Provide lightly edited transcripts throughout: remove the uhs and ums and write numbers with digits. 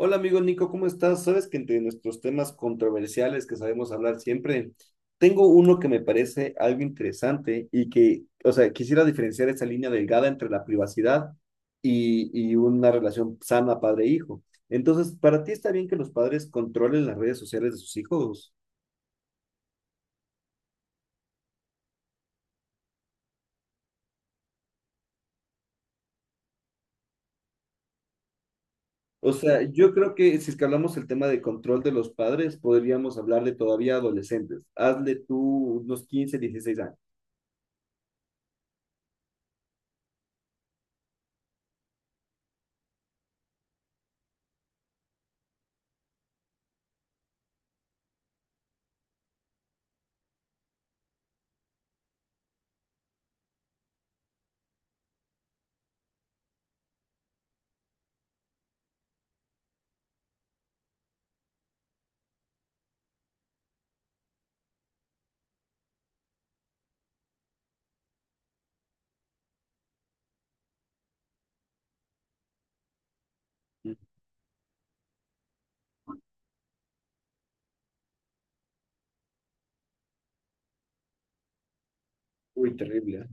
Hola amigo Nico, ¿cómo estás? Sabes que entre nuestros temas controversiales que sabemos hablar siempre, tengo uno que me parece algo interesante y que, o sea, quisiera diferenciar esa línea delgada entre la privacidad y una relación sana padre-hijo. Entonces, ¿para ti está bien que los padres controlen las redes sociales de sus hijos? O sea, yo creo que si es que hablamos el tema de control de los padres, podríamos hablar de todavía adolescentes. Hazle tú unos 15, 16 años. Uy, terrible.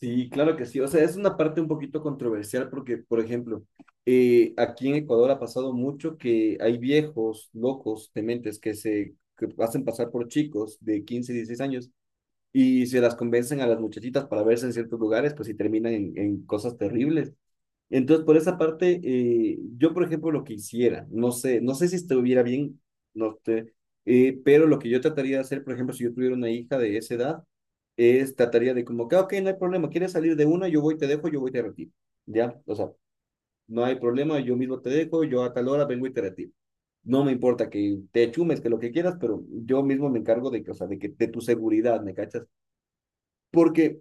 Sí, claro que sí. O sea, es una parte un poquito controversial porque, por ejemplo, aquí en Ecuador ha pasado mucho que hay viejos, locos, dementes que se que hacen pasar por chicos de 15 16 años y se las convencen a las muchachitas para verse en ciertos lugares, pues y terminan en cosas terribles. Entonces, por esa parte, yo, por ejemplo, lo que hiciera, no sé, no sé si estuviera bien, no te- pero lo que yo trataría de hacer, por ejemplo, si yo tuviera una hija de esa edad, es trataría de como, que, "Ah, ok, no hay problema, quieres salir de una, yo voy, te dejo, yo voy, te retiro, ¿ya? O sea, no hay problema, yo mismo te dejo, yo a tal hora vengo y te retiro. No me importa que te chumes, que lo que quieras, pero yo mismo me encargo de que, o sea, de que, de tu seguridad, ¿me cachas? Porque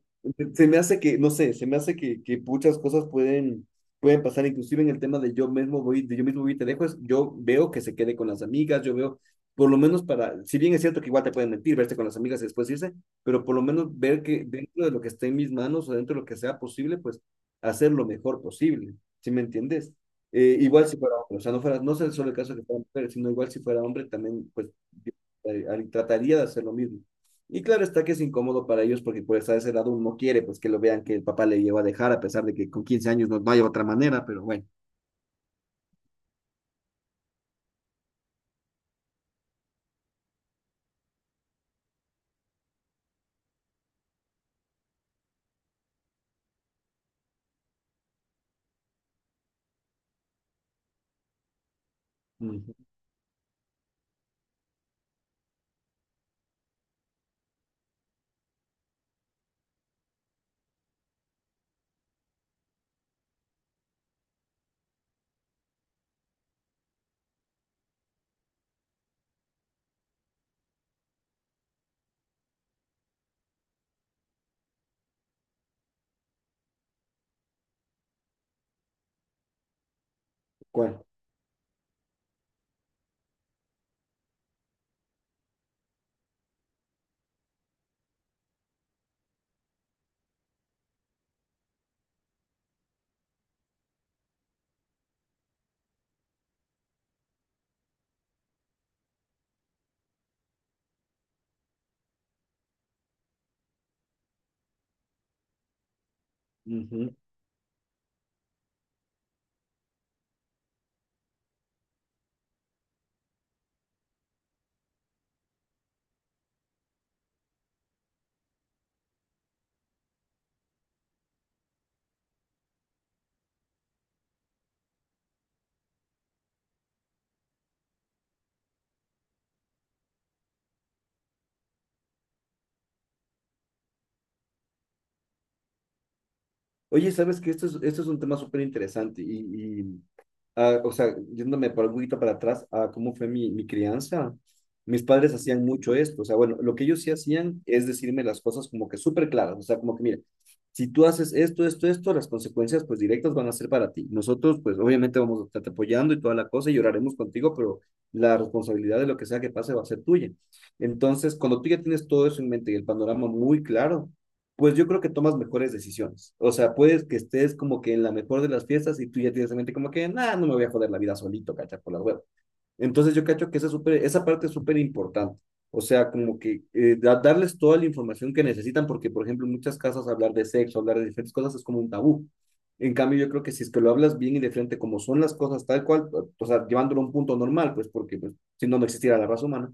se me hace que, no sé, se me hace que muchas cosas pueden pasar, inclusive en el tema de yo mismo voy, de yo mismo voy y te dejo, es, yo veo que se quede con las amigas, yo veo, por lo menos para, si bien es cierto que igual te pueden mentir, verte con las amigas y después irse, pero por lo menos ver que dentro de lo que esté en mis manos o dentro de lo que sea posible, pues hacer lo mejor posible, ¿sí me entiendes? Igual si fuera hombre, o sea, no fuera, no es solo el caso de que fuera mujer, sino igual si fuera hombre, también pues yo, trataría de hacer lo mismo y claro está que es incómodo para ellos porque pues a esa edad uno no quiere pues que lo vean que el papá le lleva a dejar a pesar de que con 15 años no, no hay otra manera, pero bueno. Ujú. ¿Cuál? Ujú. Oye, sabes que esto es un tema súper interesante y, o sea, yéndome por un poquito para atrás a cómo fue mi crianza, mis padres hacían mucho esto. O sea, bueno, lo que ellos sí hacían es decirme las cosas como que súper claras. O sea, como que, mira, si tú haces esto, esto, esto, las consecuencias pues directas van a ser para ti. Nosotros pues obviamente vamos a estarte apoyando y toda la cosa y lloraremos contigo, pero la responsabilidad de lo que sea que pase va a ser tuya. Entonces, cuando tú ya tienes todo eso en mente y el panorama muy claro, pues yo creo que tomas mejores decisiones. O sea, puedes que estés como que en la mejor de las fiestas y tú ya tienes en mente como que, nada, no me voy a joder la vida solito, cacha, por las huevas. Entonces yo cacho que esa, super, esa parte es súper importante. O sea, como que darles toda la información que necesitan, porque, por ejemplo, en muchas casas hablar de sexo, hablar de diferentes cosas es como un tabú. En cambio, yo creo que si es que lo hablas bien y de frente como son las cosas tal cual, o sea, llevándolo a un punto normal, pues porque pues, si no, no existiera la raza humana,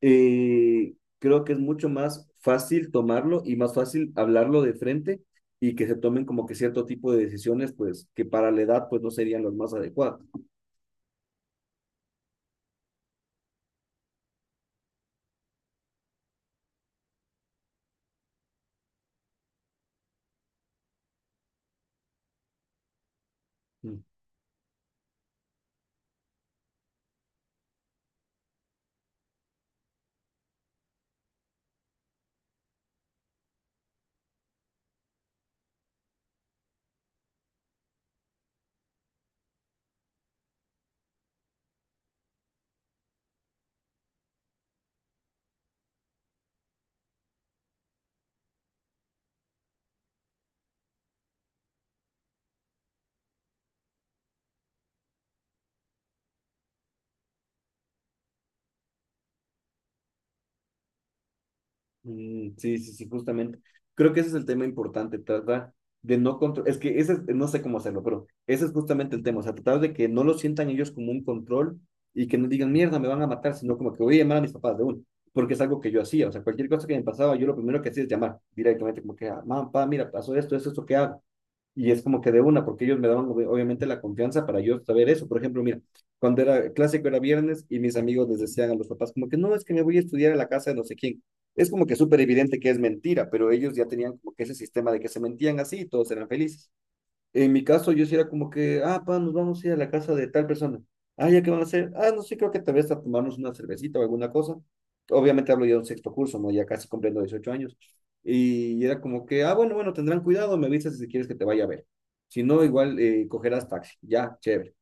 creo que es mucho más fácil tomarlo y más fácil hablarlo de frente y que se tomen como que cierto tipo de decisiones, pues que para la edad pues no serían las más adecuadas. Mm. Mm, sí, sí, sí, justamente. Creo que ese es el tema importante, tratar de no control, es que no sé cómo hacerlo, pero ese es justamente el tema, o sea, tratar de que no lo sientan ellos como un control y que no digan, mierda, me van a matar, sino como que voy a llamar a mis papás de uno, porque es algo que yo hacía, o sea, cualquier cosa que me pasaba, yo lo primero que hacía es llamar directamente, como que, ah, mamá, papá, mira, pasó esto, esto, esto, ¿qué hago? Y es como que de una, porque ellos me daban obviamente la confianza para yo saber eso. Por ejemplo, mira, cuando era clásico era viernes y mis amigos les decían a los papás como que no, es que me voy a estudiar a la casa de no sé quién. Es como que súper evidente que es mentira, pero ellos ya tenían como que ese sistema de que se mentían así y todos eran felices. En mi caso, yo sí era como que, ah, pa, nos vamos a ir a la casa de tal persona. Ah, ¿ya qué van a hacer? Ah, no sé, creo que tal vez a tomarnos una cervecita o alguna cosa. Obviamente hablo ya de un sexto curso, ¿no? Ya casi cumpliendo 18 años. Y era como que, ah, bueno, bueno, tendrán cuidado, me avisas si quieres que te vaya a ver. Si no, igual cogerás taxi. Ya, chévere.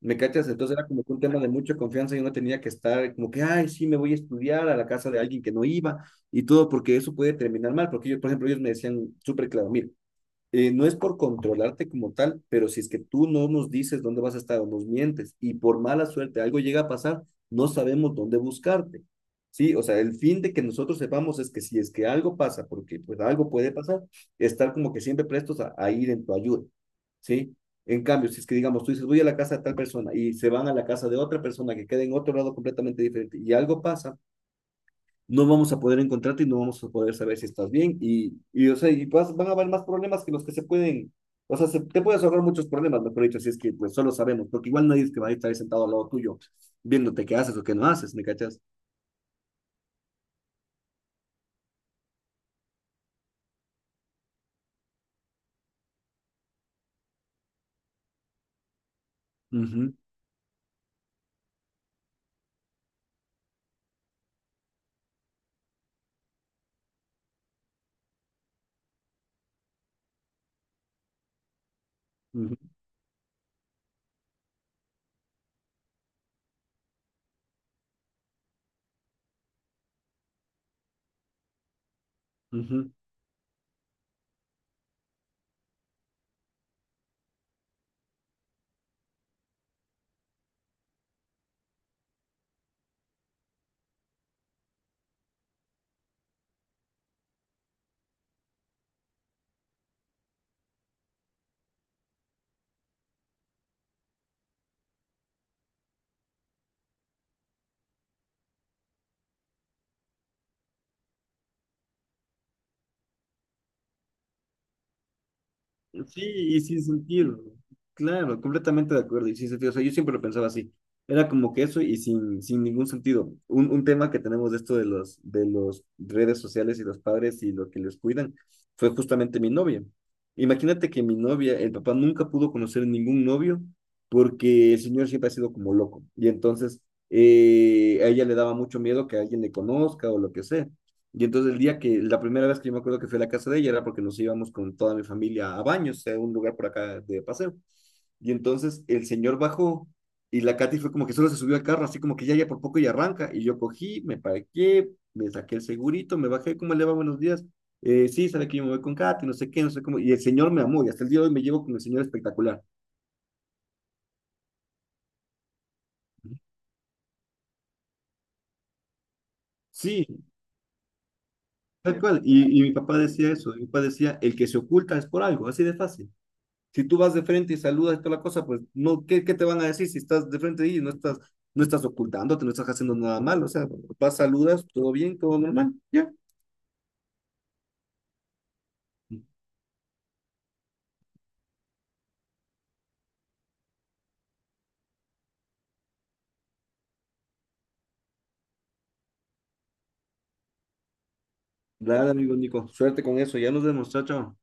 ¿Me cachas? Entonces era como que un tema de mucha confianza y uno tenía que estar como que, ay, sí, me voy a estudiar a la casa de alguien que no iba y todo, porque eso puede terminar mal. Porque yo, por ejemplo, ellos me decían súper claro, mira, no es por controlarte como tal, pero si es que tú no nos dices dónde vas a estar o nos mientes y por mala suerte algo llega a pasar, no sabemos dónde buscarte. Sí, o sea, el fin de que nosotros sepamos es que si es que algo pasa, porque pues algo puede pasar, estar como que siempre prestos a ir en tu ayuda. Sí, en cambio, si es que digamos, tú dices, voy a la casa de tal persona y se van a la casa de otra persona que queda en otro lado completamente diferente y algo pasa no vamos a poder encontrarte y no vamos a poder saber si estás bien. Y o sea, y van a haber más problemas que los que se pueden, o sea, te puedes ahorrar muchos problemas, mejor dicho, si es que pues solo sabemos, porque igual nadie es que va a estar ahí sentado al lado tuyo, viéndote qué haces o qué no haces, ¿me cachas? Ujú, ujú, ujú. Sí, y sin sentido. Claro, completamente de acuerdo y sin sentido. O sea, yo siempre lo pensaba así. Era como que eso y sin ningún sentido. Un tema que tenemos de esto de los, redes sociales y los padres y lo que les cuidan fue justamente mi novia. Imagínate que mi novia, el papá nunca pudo conocer ningún novio porque el señor siempre ha sido como loco. Y entonces a ella le daba mucho miedo que alguien le conozca o lo que sea. Y entonces el día que, la primera vez que yo me acuerdo que fui a la casa de ella era porque nos íbamos con toda mi familia a Baños, a un lugar por acá de paseo. Y entonces el señor bajó y la Katy fue como que solo se subió al carro, así como que ya, ya por poco y arranca. Y yo cogí, me parqué, me saqué el segurito, me bajé, ¿cómo le va? Buenos días. Sí, sabe que yo me voy con Katy, no sé qué, no sé cómo. Y el señor me amó y hasta el día de hoy me llevo con el señor espectacular. Sí, tal cual. Y mi papá decía eso, mi papá decía, el que se oculta es por algo, así de fácil. Si tú vas de frente y saludas y toda la cosa, pues no, ¿qué te van a decir si estás de frente y no estás ocultándote, no estás haciendo nada mal? O sea, vas, saludas, todo bien, todo normal, ya. Dale, amigo Nico, suerte con eso, ya nos vemos, chao, chao.